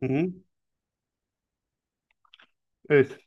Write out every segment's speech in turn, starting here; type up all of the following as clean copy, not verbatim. Hı hı. Evet.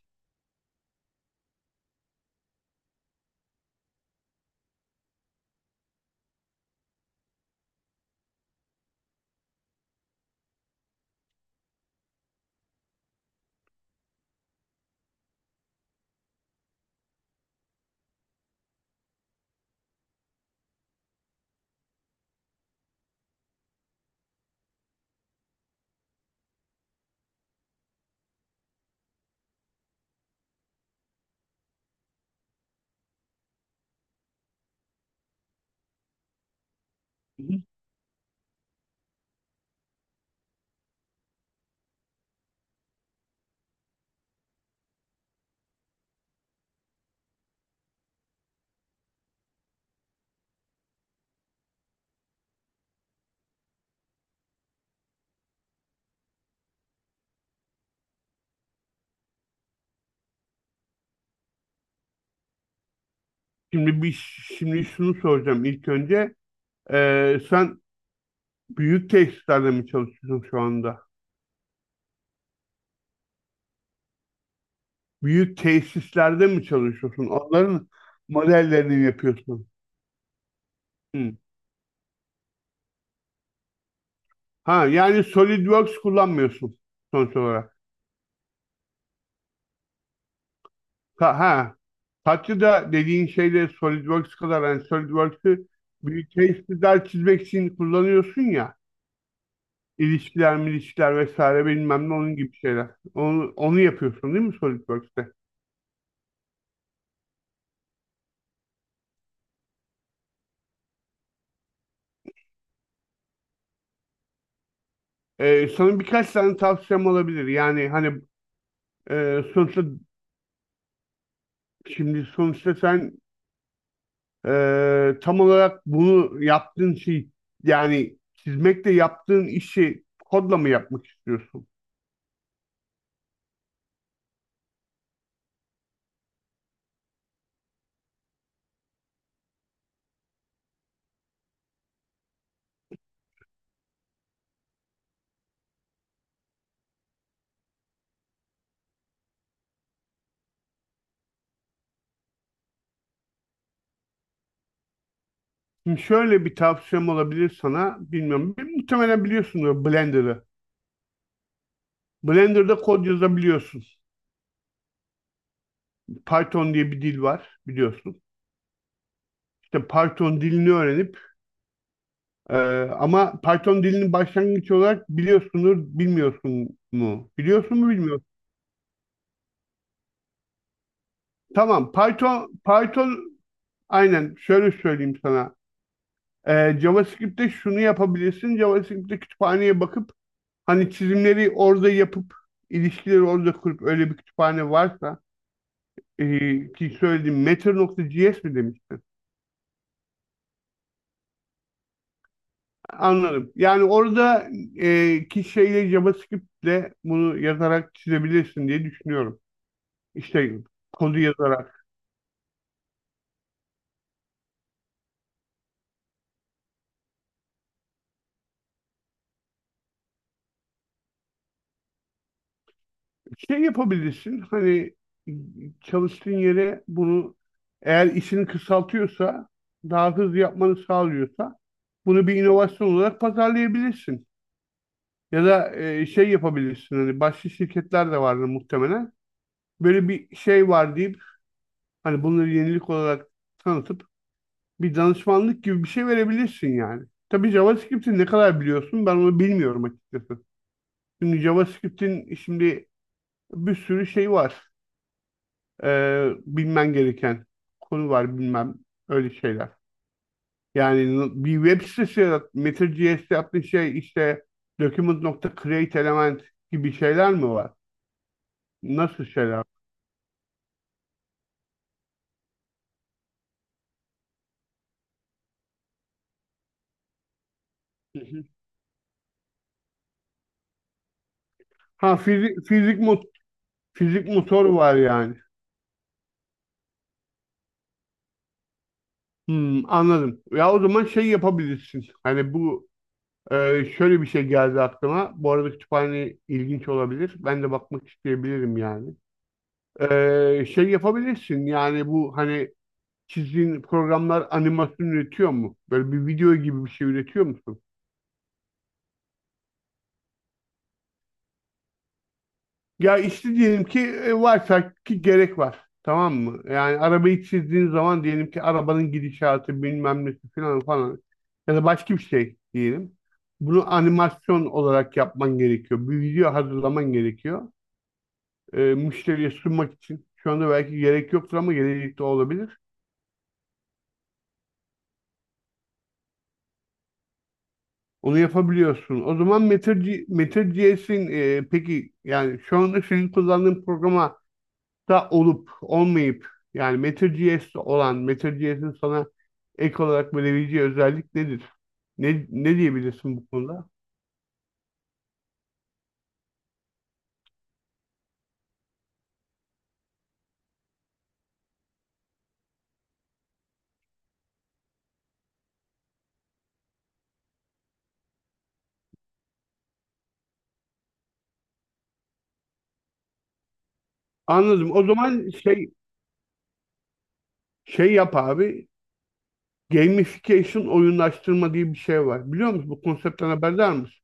Şimdi bir şimdi şunu soracağım ilk önce. Sen büyük tesislerde mi çalışıyorsun şu anda? Büyük tesislerde mi çalışıyorsun? Onların modellerini mi yapıyorsun? Hı. Ha yani SolidWorks kullanmıyorsun sonuç olarak. Ha, ha. Katya'da dediğin şeyle SolidWorks kadar yani SolidWorks'ı büyük tesisler çizmek için kullanıyorsun ya. İlişkiler, milişkiler vesaire bilmem ne onun gibi şeyler. Onu yapıyorsun değil mi SolidWorks'te? Sana birkaç tane tavsiyem olabilir. Yani hani e, sonuçta şimdi sonuçta sen tam olarak bunu yaptığın şey yani çizmekle yaptığın işi kodla mı yapmak istiyorsun? Şimdi şöyle bir tavsiyem olabilir sana. Bilmiyorum. Muhtemelen biliyorsunuz Blender'ı. Blender'da kod yazabiliyorsun. Python diye bir dil var biliyorsun. İşte Python dilini öğrenip e, ama Python dilini başlangıç olarak biliyorsunuz, bilmiyorsun mu? Biliyorsun mu bilmiyorsun? Tamam. Python aynen şöyle söyleyeyim sana. JavaScript'te şunu yapabilirsin. JavaScript'te kütüphaneye bakıp hani çizimleri orada yapıp ilişkileri orada kurup öyle bir kütüphane varsa ki söylediğim matter.js mi demiştin? Anladım. Yani orada ki şeyle JavaScript'le bunu yazarak çizebilirsin diye düşünüyorum. İşte kodu yazarak. Şey yapabilirsin hani çalıştığın yere bunu eğer işini kısaltıyorsa daha hızlı yapmanı sağlıyorsa bunu bir inovasyon olarak pazarlayabilirsin. Ya da şey yapabilirsin hani başka şirketler de vardır muhtemelen. Böyle bir şey var deyip hani bunları yenilik olarak tanıtıp bir danışmanlık gibi bir şey verebilirsin yani. Tabii JavaScript'i ne kadar biliyorsun ben onu bilmiyorum açıkçası. Şimdi JavaScript'in şimdi bir sürü şey var bilmen gereken konu var bilmem öyle şeyler. Yani bir web sitesi yarat, Matter.js'te yaptığın şey işte document.create element gibi şeyler mi var? Nasıl şeyler? Hı hı. Ha fizik motor var yani. Hmm, anladım. Ya o zaman şey yapabilirsin. Hani bu şöyle bir şey geldi aklıma. Bu arada kütüphane ilginç olabilir. Ben de bakmak isteyebilirim yani. Şey yapabilirsin yani bu hani çizdiğin programlar animasyon üretiyor mu? Böyle bir video gibi bir şey üretiyor musun? Ya işte diyelim ki varsa ki gerek var. Tamam mı? Yani arabayı çizdiğin zaman diyelim ki arabanın gidişatı bilmem nesi falan falan ya da başka bir şey diyelim. Bunu animasyon olarak yapman gerekiyor. Bir video hazırlaman gerekiyor. Müşteriye sunmak için. Şu anda belki gerek yoktur ama gelecekte olabilir. Onu yapabiliyorsun. O zaman Meteor.js'in peki yani şu anda senin kullandığın programa da olup olmayıp yani Meteor.js'te olan Meteor.js'in sana ek olarak verebileceği özellik nedir? Ne diyebilirsin bu konuda? Anladım. O zaman şey yap abi. Gamification oyunlaştırma diye bir şey var. Biliyor musun? Bu konseptten haberdar mısın?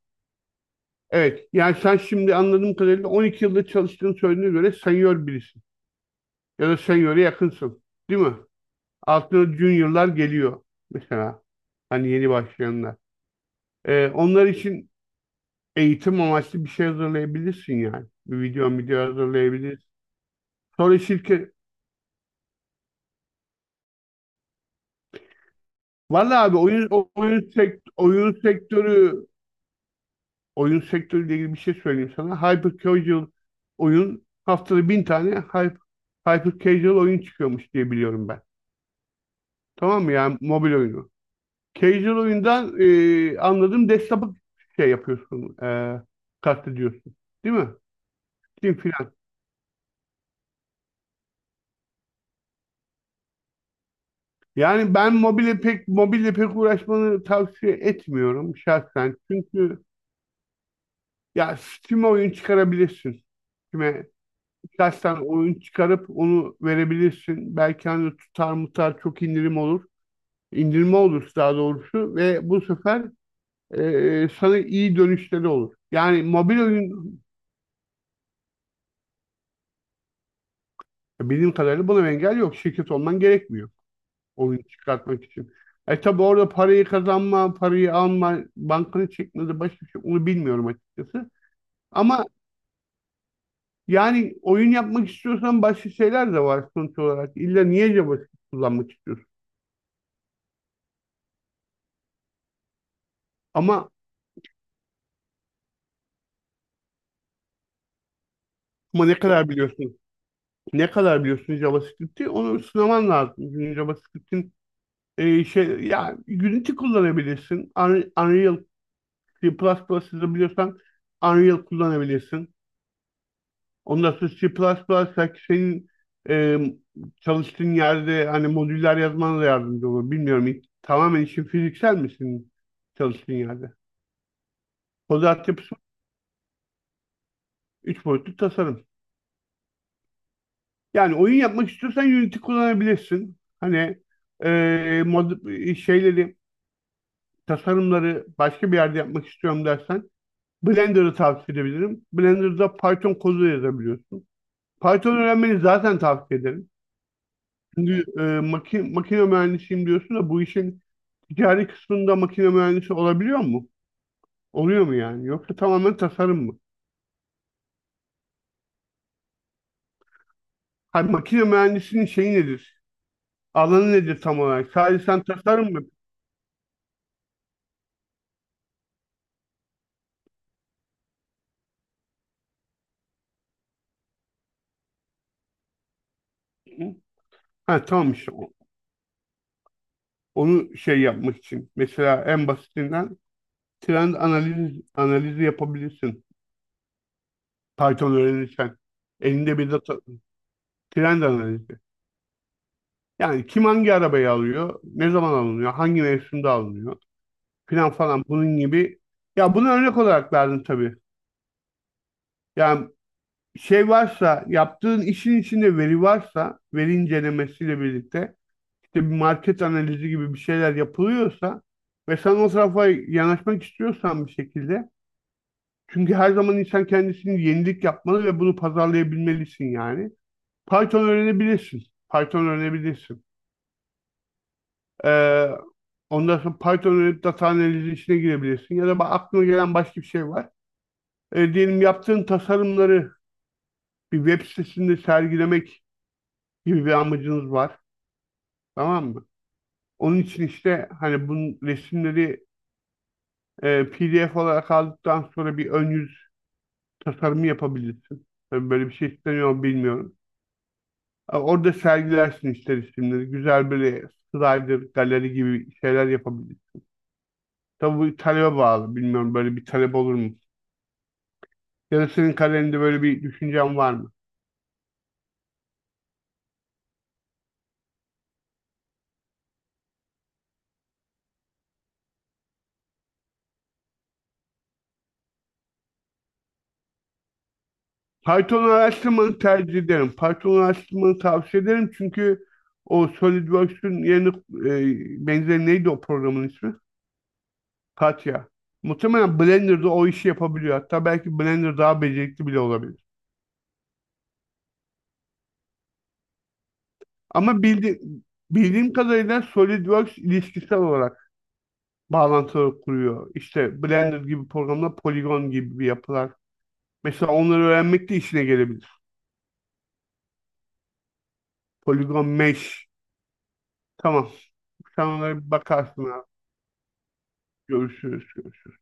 Evet. Yani sen şimdi anladığım kadarıyla 12 yılda çalıştığını söylediğine göre senior birisin. Ya da senior'e yakınsın. Değil mi? Artı juniorlar geliyor mesela. Hani yeni başlayanlar. Onlar için eğitim amaçlı bir şey hazırlayabilirsin yani. Bir video hazırlayabilirsin. Sonra şirket... Vallahi abi oyun o- oyun sekt oyun sektörü oyun sektörüyle ilgili bir şey söyleyeyim sana. Hyper casual oyun haftada bin tane hyper casual oyun çıkıyormuş diye biliyorum ben. Tamam mı yani mobil oyunu. Casual oyundan anladığım desktop'ı şey yapıyorsun. Kastediyorsun. Değil mi? Değil filan. Yani ben mobile pek uğraşmanı tavsiye etmiyorum şahsen. Çünkü ya Steam'e oyun çıkarabilirsin. Steam'e birkaçtan oyun çıkarıp onu verebilirsin. Belki hani tutar mutar çok indirim olur. İndirme olur daha doğrusu ve bu sefer sana iyi dönüşleri olur. Yani mobil oyun bildiğim kadarıyla buna engel yok. Şirket olman gerekmiyor oyun çıkartmak için. E tabi orada parayı kazanma, parayı alma, bankanı çekmedi başka bir şey onu bilmiyorum açıkçası. Ama yani oyun yapmak istiyorsan başka şeyler de var sonuç olarak. İlla niye JavaScript kullanmak istiyorsun? Ama ama ne kadar biliyorsun? Ne kadar biliyorsun JavaScript'i? Onu sınaman lazım. Çünkü JavaScript'in şey ya Unity kullanabilirsin. Unreal C++ biliyorsan Unreal kullanabilirsin. Ondan sonra C++ belki senin e, çalıştığın yerde hani modüller yazmana da yardımcı olur. Bilmiyorum. Tamamen işin fiziksel misin çalıştığın yerde? Kod altyapısı 3 boyutlu tasarım. Yani oyun yapmak istiyorsan Unity kullanabilirsin. Hani şeyleri, tasarımları başka bir yerde yapmak istiyorum dersen Blender'ı tavsiye edebilirim. Blender'da Python kodu yazabiliyorsun. Python öğrenmeni zaten tavsiye ederim. Şimdi makine mühendisiyim diyorsun da bu işin ticari kısmında makine mühendisi olabiliyor mu? Oluyor mu yani? Yoksa tamamen tasarım mı? Hayır, makine mühendisinin şeyi nedir? Alanı nedir tam olarak? Sadece sen tasarım mı? Ha tamam işte onu şey yapmak için. Mesela en basitinden trend analizi yapabilirsin. Python öğrenirsen. Elinde bir data trend analizi. Yani kim hangi arabayı alıyor? Ne zaman alınıyor? Hangi mevsimde alınıyor? Filan falan bunun gibi. Ya bunu örnek olarak verdim tabii. Yani şey varsa yaptığın işin içinde veri varsa veri incelemesiyle birlikte işte bir market analizi gibi bir şeyler yapılıyorsa ve sen o tarafa yanaşmak istiyorsan bir şekilde çünkü her zaman insan kendisini yenilik yapmalı ve bunu pazarlayabilmelisin yani. Python öğrenebilirsin. Python öğrenebilirsin. Ee, ondan sonra Python öğrenip data analizi işine girebilirsin. Ya da aklına gelen başka bir şey var. Diyelim yaptığın tasarımları bir web sitesinde sergilemek gibi bir amacınız var. Tamam mı? Onun için işte hani bunun resimleri PDF olarak aldıktan sonra bir ön yüz tasarımı yapabilirsin. Tabii böyle bir şey isteniyor mu bilmiyorum. Orada sergilersin işte resimleri. Güzel böyle slider, galeri gibi şeyler yapabilirsin. Tabii bu talebe bağlı. Bilmiyorum böyle bir talep olur mu? Ya da senin kalende böyle bir düşüncen var mı? Python araştırmanı tercih ederim. Python araştırmanı tavsiye ederim çünkü o SolidWorks'ün yeni benzeri neydi o programın ismi? Katya. Muhtemelen Blender'da o işi yapabiliyor. Hatta belki Blender daha becerikli bile olabilir. Ama bildiğim kadarıyla SolidWorks ilişkisel olarak bağlantıları kuruyor. İşte Blender gibi programlar, Polygon gibi bir yapılar. Mesela onları öğrenmek de işine gelebilir. Polygon Mesh. Tamam. Sen onlara bir bakarsın abi. Görüşürüz. Görüşürüz.